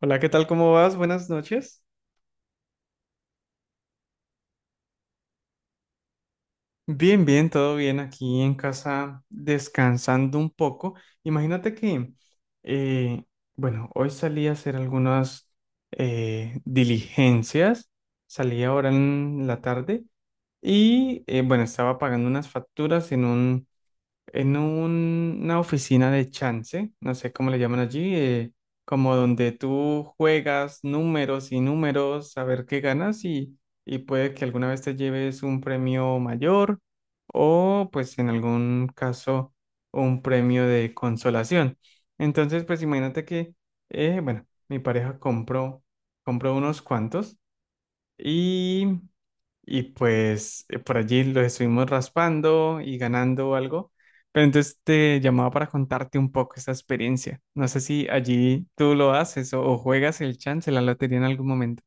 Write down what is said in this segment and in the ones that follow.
Hola, ¿qué tal? ¿Cómo vas? Buenas noches. Bien, bien, todo bien aquí en casa, descansando un poco. Imagínate que, eh, bueno, hoy salí a hacer algunas diligencias, salí ahora en la tarde y, bueno, estaba pagando unas facturas en un, una oficina de chance, no sé cómo le llaman allí, como donde tú juegas números y números a ver qué ganas y puede que alguna vez te lleves un premio mayor o pues en algún caso un premio de consolación. Entonces, pues imagínate que, bueno, mi pareja compró, unos cuantos. y y pues por allí lo estuvimos raspando y ganando algo. Pero entonces te llamaba para contarte un poco esa experiencia. No sé si allí tú lo haces o juegas el chance, la lotería en algún momento.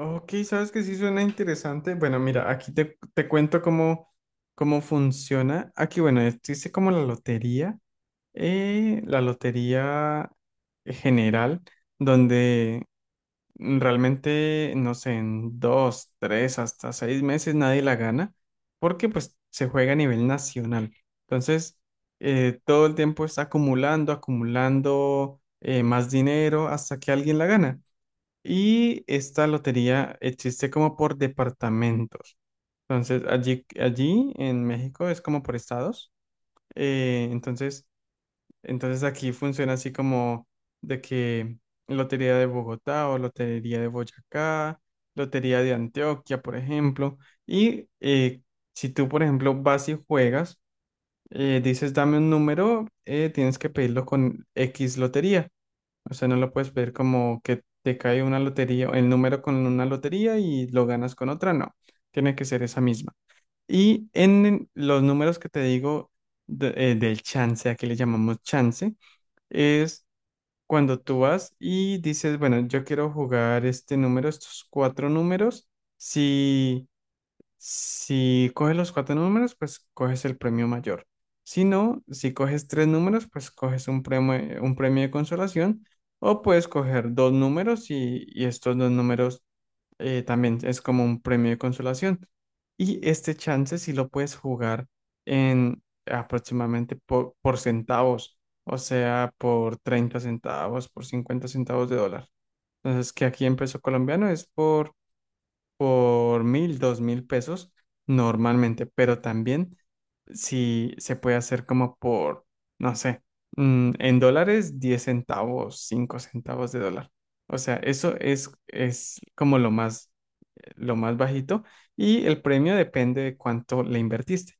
Ok, sabes que sí suena interesante. Bueno, mira, aquí te cuento cómo funciona. Aquí, bueno, existe como la lotería, eh, la lotería general, donde realmente, no sé, en 2, 3, hasta 6 meses nadie la gana, porque pues se juega a nivel nacional. Entonces, todo el tiempo está acumulando, acumulando más dinero hasta que alguien la gana. Y esta lotería existe como por departamentos. Entonces, allí en México es como por estados. Eh, entonces, entonces, aquí funciona así como de que Lotería de Bogotá o Lotería de Boyacá, Lotería de Antioquia, por ejemplo. Y si tú, por ejemplo, vas y juegas, dices, dame un número, tienes que pedirlo con X lotería. O sea, no lo puedes pedir como que te cae una lotería, el número con una lotería y lo ganas con otra. No, tiene que ser esa misma. Y en los números que te digo del chance, aquí le llamamos chance es cuando tú vas y dices, bueno, yo quiero jugar este número, estos cuatro números. Si si coges los cuatro números, pues coges el premio mayor. Si no, si coges tres números, pues coges un premio de consolación o puedes coger dos números y estos dos números también es como un premio de consolación. Y este chance sí lo puedes jugar en aproximadamente por centavos, o sea, por 30 centavos, por 50 centavos de dólar. Entonces, que aquí en peso colombiano es por 1.000, 2.000 pesos normalmente, pero también si se puede hacer como por, no sé, en dólares, 10 centavos, 5 centavos de dólar. O sea, eso es como lo más bajito y el premio depende de cuánto le invertiste.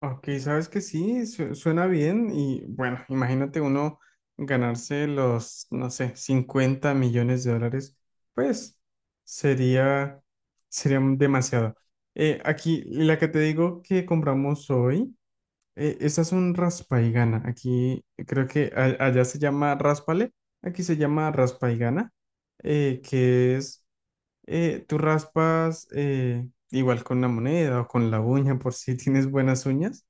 Ok, sabes que sí, suena bien y bueno, imagínate uno ganarse los, no sé, 50 millones de dólares, pues sería, sería demasiado. Aquí, la que te digo que compramos hoy, esta es un raspa y gana. Aquí creo que allá se llama raspale, aquí se llama raspa y gana, que es tú raspas igual con una moneda o con la uña por si tienes buenas uñas.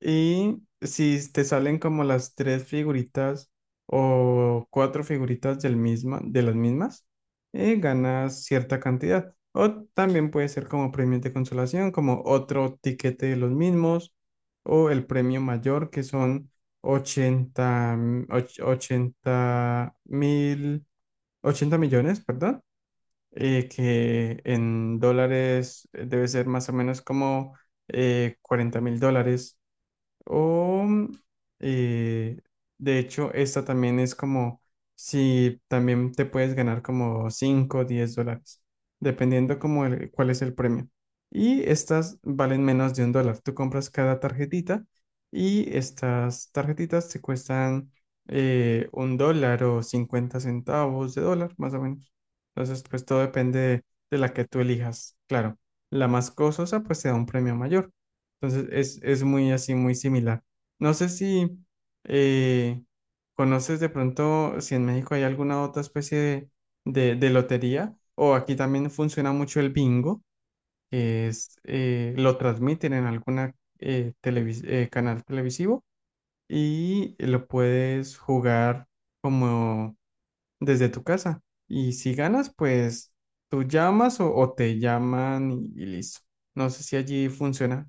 Y si te salen como las tres figuritas o cuatro figuritas de las mismas, ganas cierta cantidad. O también puede ser como premios de consolación, como otro tiquete de los mismos, o el premio mayor, que son 80 80.000, 80 millones, perdón, que en dólares debe ser más o menos como 40.000 dólares. O, eh, de hecho, esta también es como si también te puedes ganar como cinco o 10 dólares, dependiendo como cuál es el premio. Y estas valen menos de $1. Tú compras cada tarjetita y estas tarjetitas te cuestan $1 o 50 centavos de dólar, más o menos. Entonces, pues todo depende de la que tú elijas. Claro, la más costosa pues te da un premio mayor. Entonces es muy así, muy similar. No sé si eh, conoces de pronto si en México hay alguna otra especie de, de lotería o aquí también funciona mucho el bingo, que es, lo transmiten en alguna canal televisivo y lo puedes jugar como desde tu casa. Y si ganas, pues tú llamas o te llaman y listo. No sé si allí funciona.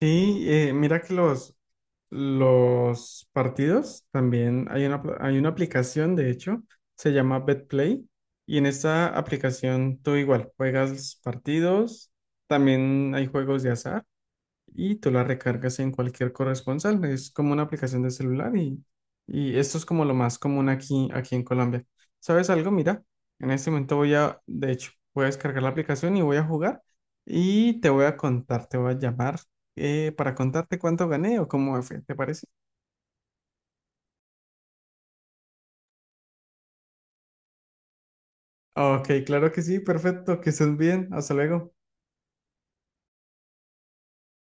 Sí, mira que los partidos también hay una aplicación, de hecho, se llama BetPlay, y en esta aplicación tú igual juegas partidos, también hay juegos de azar y tú la recargas en cualquier corresponsal. Es como una aplicación de celular y esto es como lo más común aquí en Colombia. ¿Sabes algo? Mira, en este momento voy a, de hecho, voy a descargar la aplicación y voy a jugar y te voy a contar, te voy a llamar para contarte cuánto gané o cómo me fue, ¿te parece? Ok, claro que sí, perfecto, que estés bien, hasta luego.